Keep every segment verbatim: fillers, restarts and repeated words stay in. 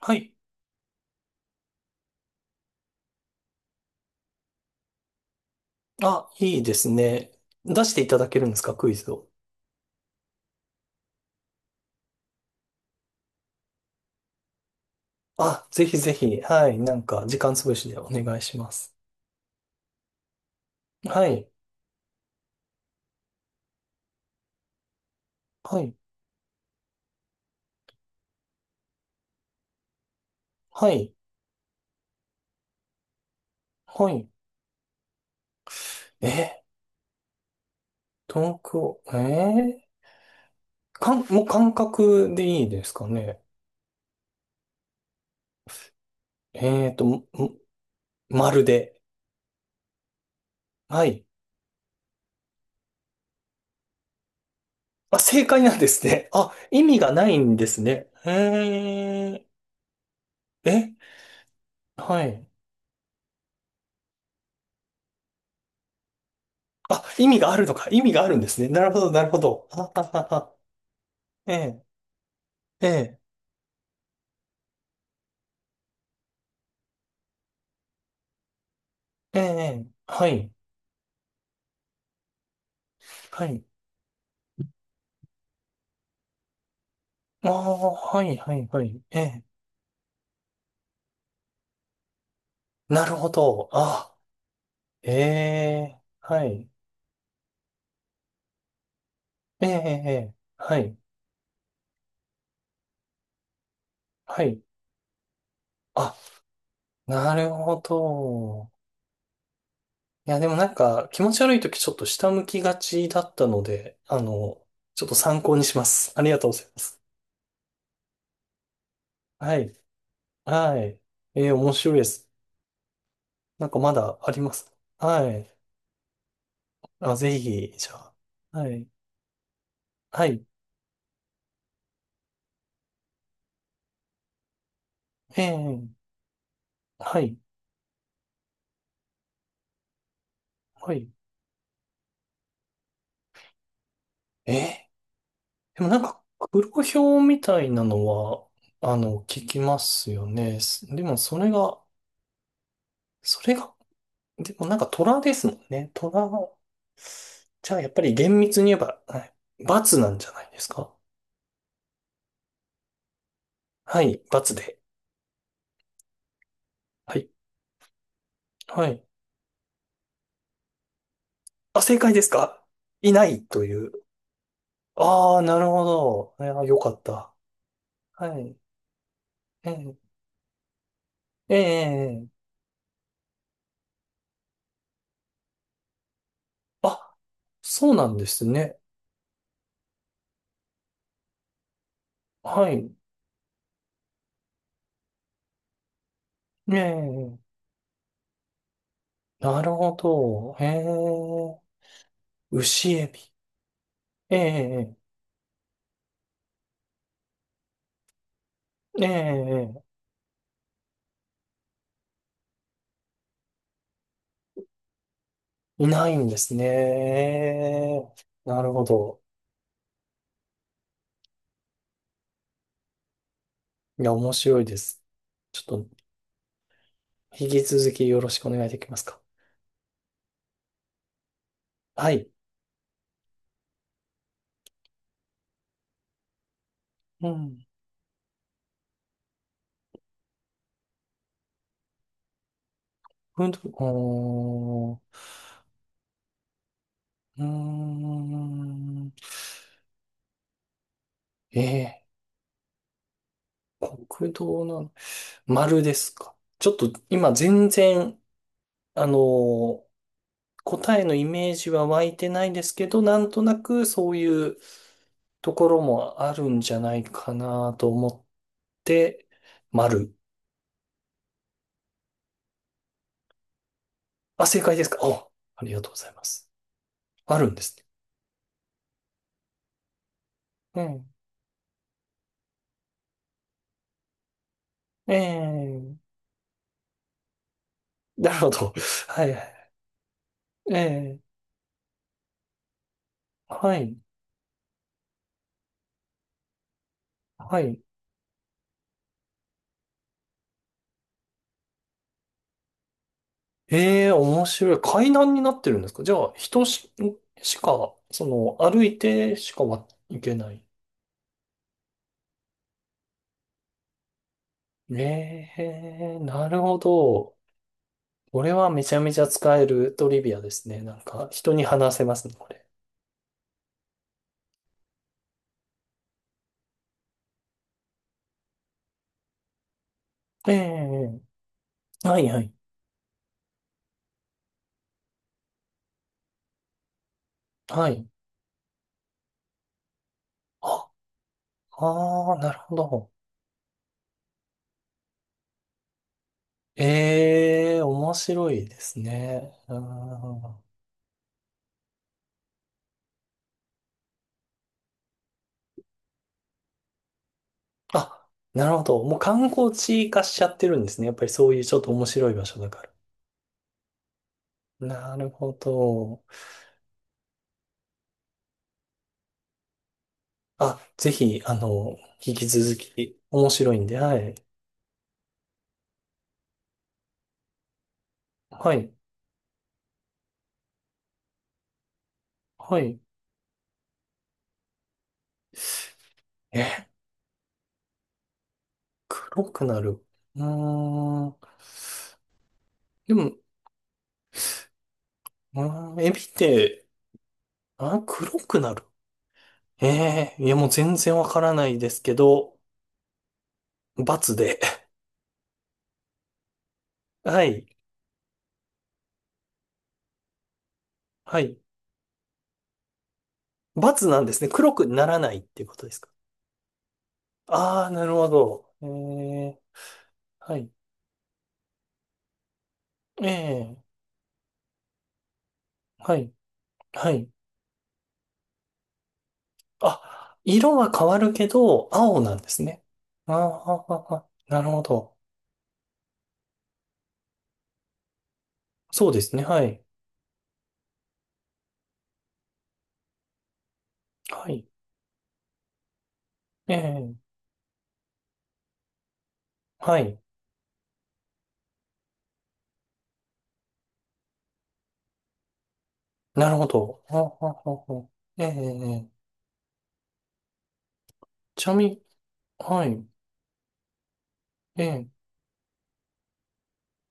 はい。あ、いいですね。出していただけるんですか？クイズを。あ、ぜひぜひ。はい。なんか、時間潰しでお願いします。はい。はい。はい。はい。えー、東京、えー、かん、もう感覚でいいですかね？えーと、ももまるで。はい。あ、正解なんですね。あ、意味がないんですね。えー、え、はい。あ、意味があるのか。意味があるんですね。なるほど、なるほど。あははは。ええ、ええ。ええ、はい、はい。ああ、はい、はい、はい。ええ、なるほど。あ、ええ、はい。ええ、ええ、ええはい、はい。あ、なるほど。いや、でもなんか、気持ち悪いときちょっと下向きがちだったので、あの、ちょっと参考にします。ありがとうございます。はい、はい。ええ、面白いです。なんかまだあります。はい。あ、ぜひ、じゃあ。はい、はい。ええ、はい、はい。ええでもなんか、黒豹みたいなのは、あの、聞きますよね。すでもそれが、それが、でもなんか虎ですもんね。虎、じゃあやっぱり厳密に言えば、はい、罰なんじゃないですか？はい、罰で。はい、はい。あ、正解ですか？いないという。ああ、なるほど。いや、よかった。はい。ええ、ええ、あ、そうなんですね。はい。ええ、なるほど。ええ、牛エビ。ええ、ええ、ええ、いないんですね。なるほど。いや、面白いです。ちょっと、引き続きよろしくお願いできますか？はい。うん。ふんうーん。うーんええ、国道の丸ですか？ちょっと、今、全然、あのー、答えのイメージは湧いてないですけど、なんとなくそういうところもあるんじゃないかなと思って、丸。あ、正解ですか？お、ありがとうございます。あるんですね。ええ、ええ、なるほど。はいはい。ええ、はい、はい。ええ、面白い。階段になってるんですか？じゃあ、人し、しか、その、歩いてしかはいけない。ねえ、なるほど。これはめちゃめちゃ使えるトリビアですね。なんか、人に話せますね、これ。ええ、はいはい。はい。あ、ああ、なるほど。ええ、面白いですね。うん。あ、なるほど。もう観光地化しちゃってるんですね。やっぱりそういうちょっと面白い場所だから。なるほど。あ、ぜひ、あの、引き続き面白いんで、はい。はい。はい。え、黒くなる。うーん。でも、うーん、エビって、あ、黒くなる。ええ、いやもう全然わからないですけど、×で。はい。はい。バツなんですね。黒くならないっていうことですか？ああー、なるほど。ええ、はい。ええ、はい、はい。あ、色は変わるけど、青なんですね。あーあー、あーなるほど。そうですね。はい。はい。ええ、はい。なるほど。あーあー、あーええ、ちなみに、はい。ええ、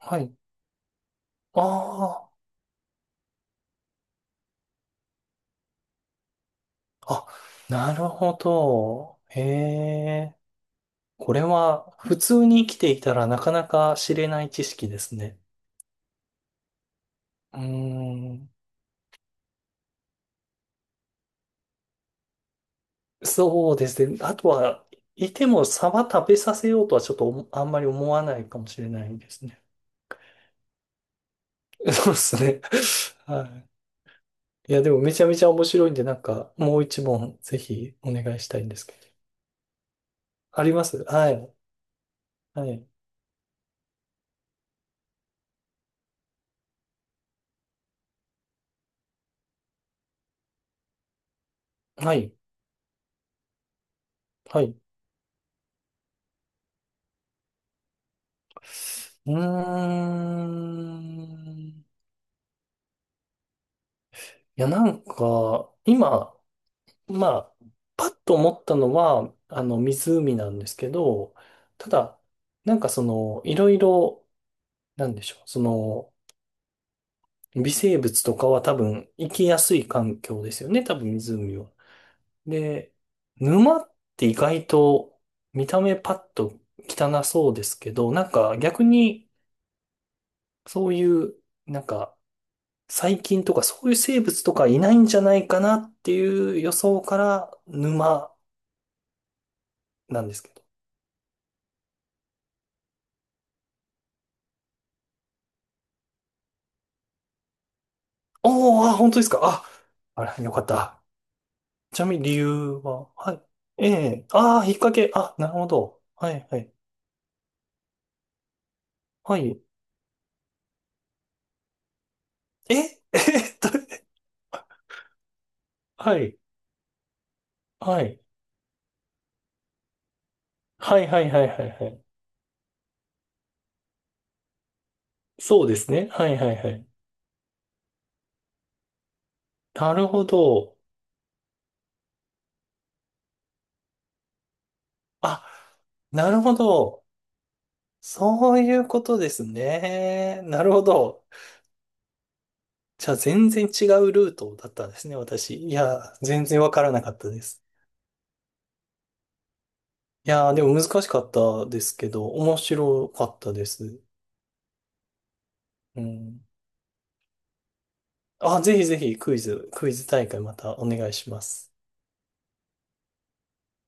はい。ああ、あ、なるほど。ええ。これは普通に生きていたらなかなか知れない知識ですね。うーん。そうですね。あとは、いてもサバ食べさせようとはちょっと思あんまり思わないかもしれないですね。そうですね。はい。いや、でもめちゃめちゃ面白いんで、なんかもう一問ぜひお願いしたいんですけど。ありますはい。はい。はい。はい。うーん。いや、なんか、今、まあ、パッと思ったのは、あの、湖なんですけど、ただ、なんかその、いろいろ、なんでしょう、その、微生物とかは多分、生きやすい環境ですよね、多分湖は。で、沼って意外と、見た目パッと汚そうですけど、なんか逆に、そういう、なんか、細菌とかそういう生物とかいないんじゃないかなっていう予想から、沼なんですけどおー、あ、本当ですか？あ、あら、よかった。ちなみに理由は、はい。ええ、ああ、引っ掛け、あ、なるほど。はい、はい。はい。え、えっと、はい、はい。はい、はい、はい、はい、はい。そうですね。はい、はい、はい。なるほど。あ、なるほど。そういうことですね。なるほど。じゃあ、全然違うルートだったんですね、私。いや、全然わからなかったです。いやでも難しかったですけど、面白かったです。うん。あ、ぜひぜひクイズ、クイズ大会またお願いします。